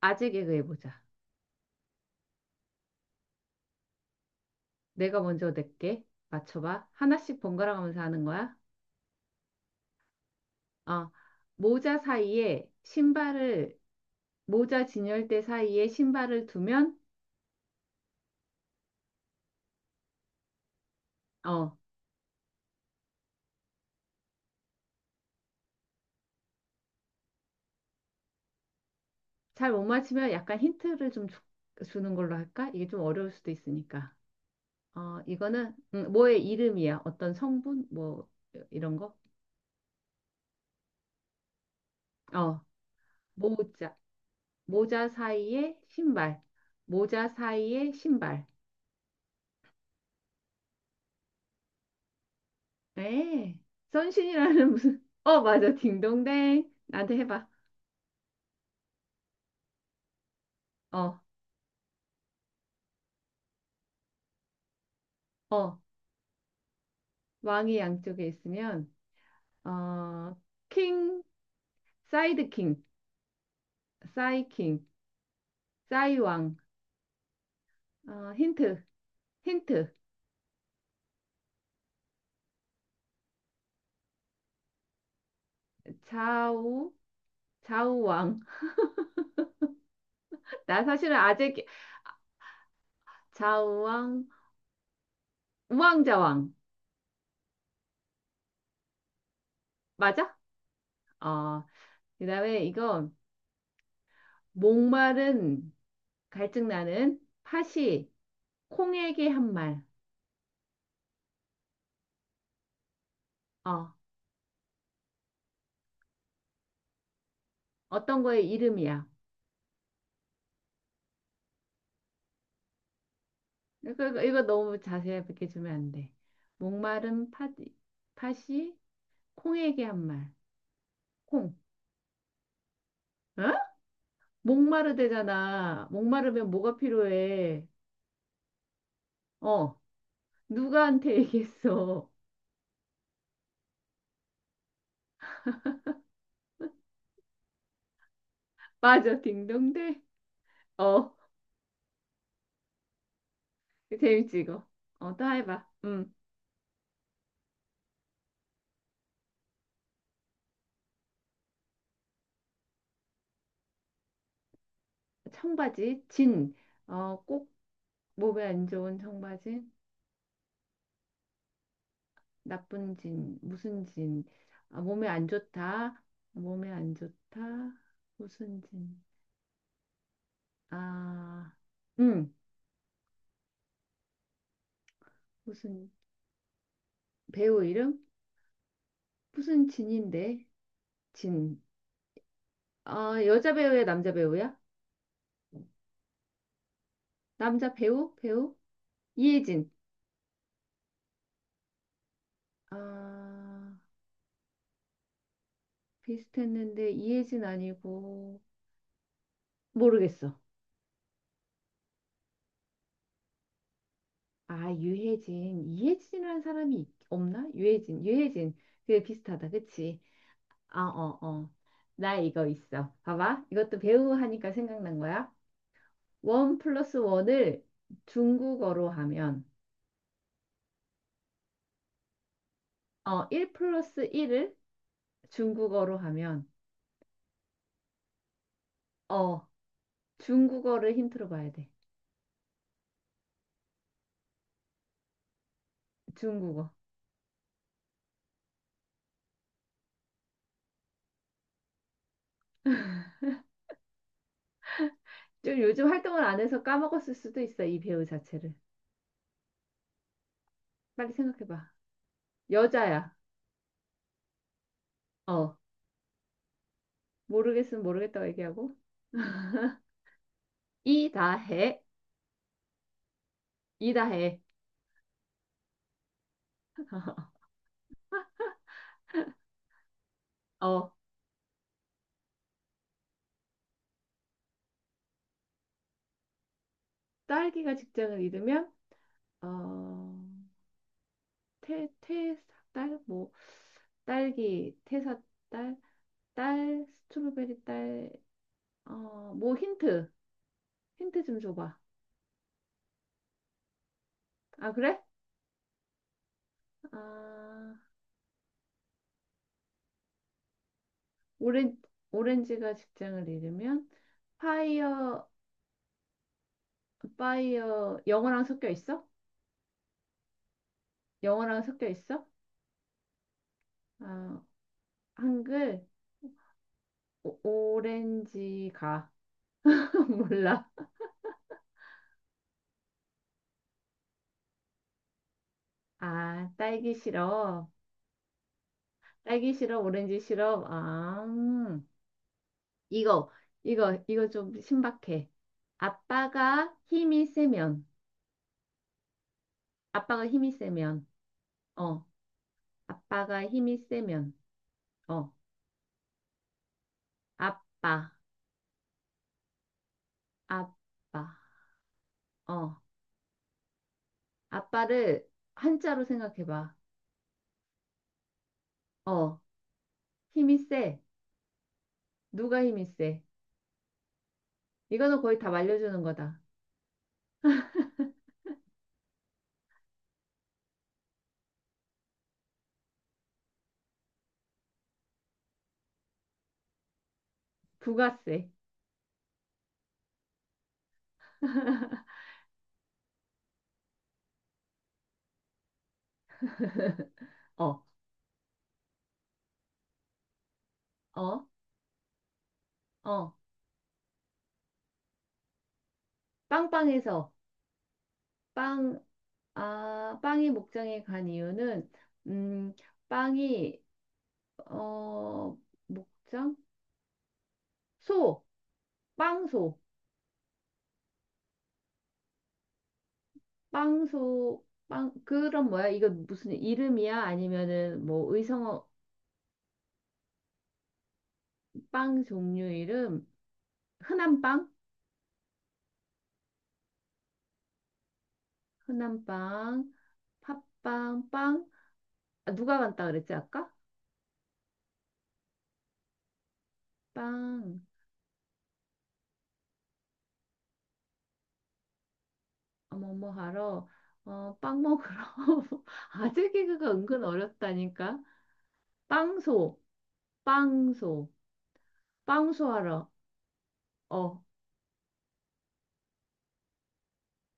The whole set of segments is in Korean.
아재 개그 해보자. 내가 먼저 낼게. 맞춰봐. 하나씩 번갈아 가면서 하는 거야. 어, 모자 사이에 신발을, 모자 진열대 사이에 신발을 두면, 어, 잘 못 맞추면 약간 힌트를 좀 주는 걸로 할까? 이게 좀 어려울 수도 있으니까. 어, 이거는, 뭐의 이름이야? 어떤 성분? 뭐, 이런 거? 어, 모자. 모자 사이에 신발. 모자 사이에 신발. 에, 선신이라는 무슨, 어, 맞아. 딩동댕. 나한테 해봐. 어, 어. 왕이 양쪽에 있으면, 어, 킹, 사이드 킹, 사이 킹, 사이 왕. 어, 힌트, 힌트. 좌우, 좌우 왕. 나 사실은 좌우 왕, 우왕좌 왕. 맞아? 어, 그 다음에 이건, 목마른, 갈증나는, 팥이, 콩에게 한 말. 어, 어떤 거의 이름이야. 이거 너무 자세하게 주면 안 돼. 목마른 팥, 팥이 콩에게 한 말. 콩. 어? 목마르대잖아. 목마르면 뭐가 필요해? 어. 누구한테 얘기했어? 맞아, 딩동대. 어. 재밌지, 이거. 어, 또 해봐. 음. 청바지, 진. 어, 꼭 몸에 안 좋은 청바지. 나쁜 진. 무슨 진. 아, 몸에 안 좋다. 몸에 안 좋다. 무슨 진. 아, 응. 무슨 배우 이름? 무슨 진인데? 진. 아, 여자 배우야, 남자 배우야? 남자 배우? 배우? 이혜진. 아, 비슷했는데 이혜진 아니고 모르겠어. 아, 유혜진. 이혜진이라는 사람이 있- 없나? 유혜진. 유혜진. 그게 비슷하다. 그치? 아, 어, 어. 나 이거 있어. 봐봐. 이것도 배우 하니까 생각난 거야. 원 플러스 원을 중국어로 하면 1 플러스 1을 중국어로 하면, 어, 중국어를 힌트로 봐야 돼. 중국어. 좀 요즘 활동을 안 해서 까먹었을 수도 있어, 이 배우 자체를. 빨리 생각해봐. 여자야. 어, 모르겠으면 모르겠다고 얘기하고. 이다해. 이다해. 어, 딸기가 직장을 잃으면, 어, 태, 태, 딸, 뭐, 딸기, 태사, 딸, 스트로베리 딸, 어, 뭐 힌트. 힌트 좀 줘봐. 아, 그래? 아, 오렌, 오렌지가 직장을 잃으면 파이어, 파이어, 영어랑 섞여 있어? 영어랑 섞여 있어? 아, 한글, 오, 오렌지가. 몰라. 아, 딸기 시럽. 딸기 시럽, 오렌지 시럽. 아, 이거, 이거 좀 신박해. 아빠가 힘이 세면, 아빠가 힘이 세면, 어, 아빠가 힘이 세면, 어, 아빠, 아빠. 어, 아빠를 한자로 생각해봐. 어, 힘이 세. 누가 힘이 세? 이거는 거의 다 말려주는 거다. 부가 세. 어, 어, 어. 빵빵해서 빵, 아, 빵이 목장에 간 이유는 음, 빵이 어, 목장? 소, 빵소, 빵소, 빵 그럼 뭐야? 이거 무슨 이름이야? 아니면은 뭐 의성어 빵 종류 이름? 흔한 빵? 흔한빵, 팥빵, 빵. 아, 누가 간다 그랬지 아까? 빵. 어, 뭐뭐 하러? 어, 빵 먹으러. 아재 개그가 은근 어렵다니까. 빵소, 빵소, 빵소 하러. 어,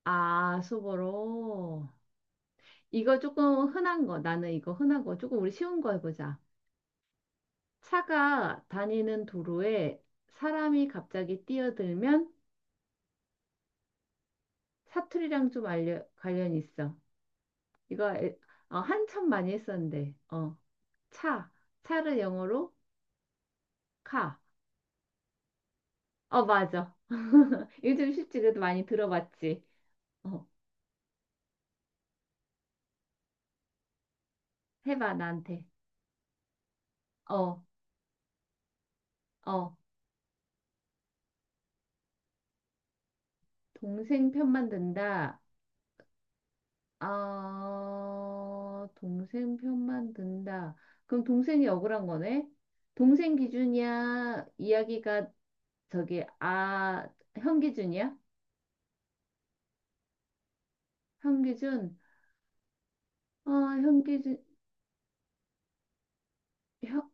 아, 소 보러. 이거 조금 흔한 거. 나는 이거 흔한 거. 조금 우리 쉬운 거 해보자. 차가 다니는 도로에 사람이 갑자기 뛰어들면 사투리랑 좀 알려, 관련이 있어. 이거 에- 어, 한참 많이 했었는데. 어, 차. 차를 영어로 카. 어, 맞아. 요즘 쉽지 그래도 많이 들어봤지. 어, 해봐 나한테. 어, 어. 동생 편만 든다. 어, 동생 편만 든다. 그럼 동생이 억울한 거네? 동생 기준이야? 이야기가 저기 아 형 기준이야? 형 기준? 어, 형 기준 형,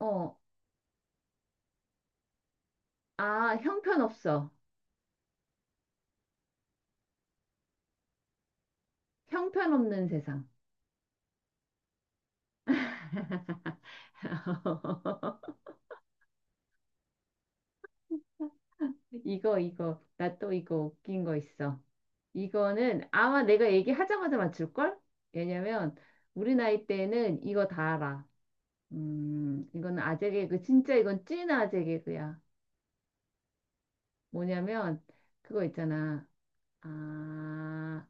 어, 아 형편없어. 형편없는 세상. 이거, 이거. 나 또 이거 웃긴 거 있어. 이거는 아마 내가 얘기하자마자 맞출걸? 왜냐면 우리 나이 때는 이거 다 알아. 이건 아재 개그. 진짜 이건 찐 아재 개그야. 뭐냐면 그거 있잖아. 아,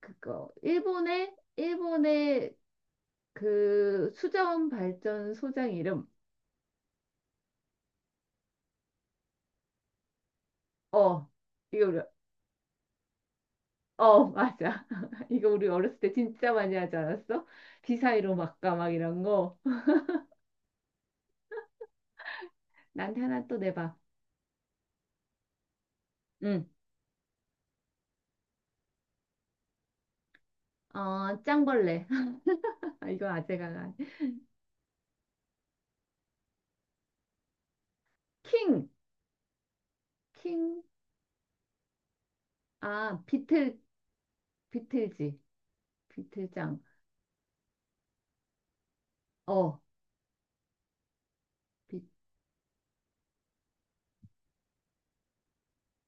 그거. 일본의 그 수자원 발전소장 이름. 어, 이거 우리 어, 맞아. 이거 우리 어렸을 때 진짜 많이 하지 않았어? 귀 사이로 막가 막 이런 거. 나한테 하나 또 내봐. 응. 어, 짱벌레. 아, 이건 아재가 나. 킹. 킹. 아, 비틀, 비틀지. 비틀장. 어, 비,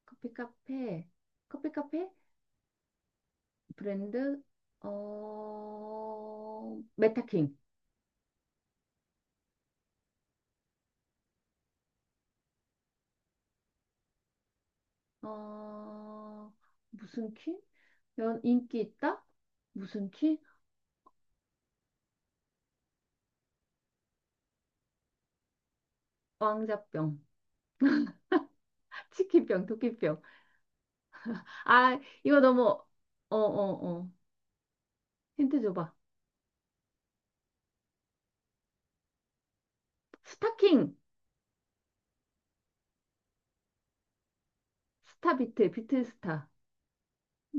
커피 카페. 커피 카페? 브랜드? 어, 메타킹. 어, 무슨 킹? 연, 인기 있다? 무슨 킹? 왕자병. 치킨병, 도끼병. 아, 이거 너무, 어, 어, 어. 힌트 줘봐. 스타킹, 스타 비트, 비트 스타,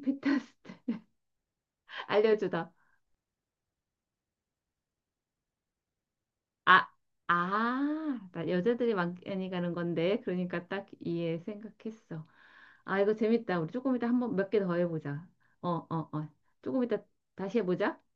비트 스타. 알려주다. 아, 아, 나 여자들이 많이 가는 건데. 그러니까 딱 이해 생각했어. 아, 이거 재밌다. 우리 조금 이따 한번 몇 개 더 해보자. 어, 어, 어. 조금 이따 다시 해보자.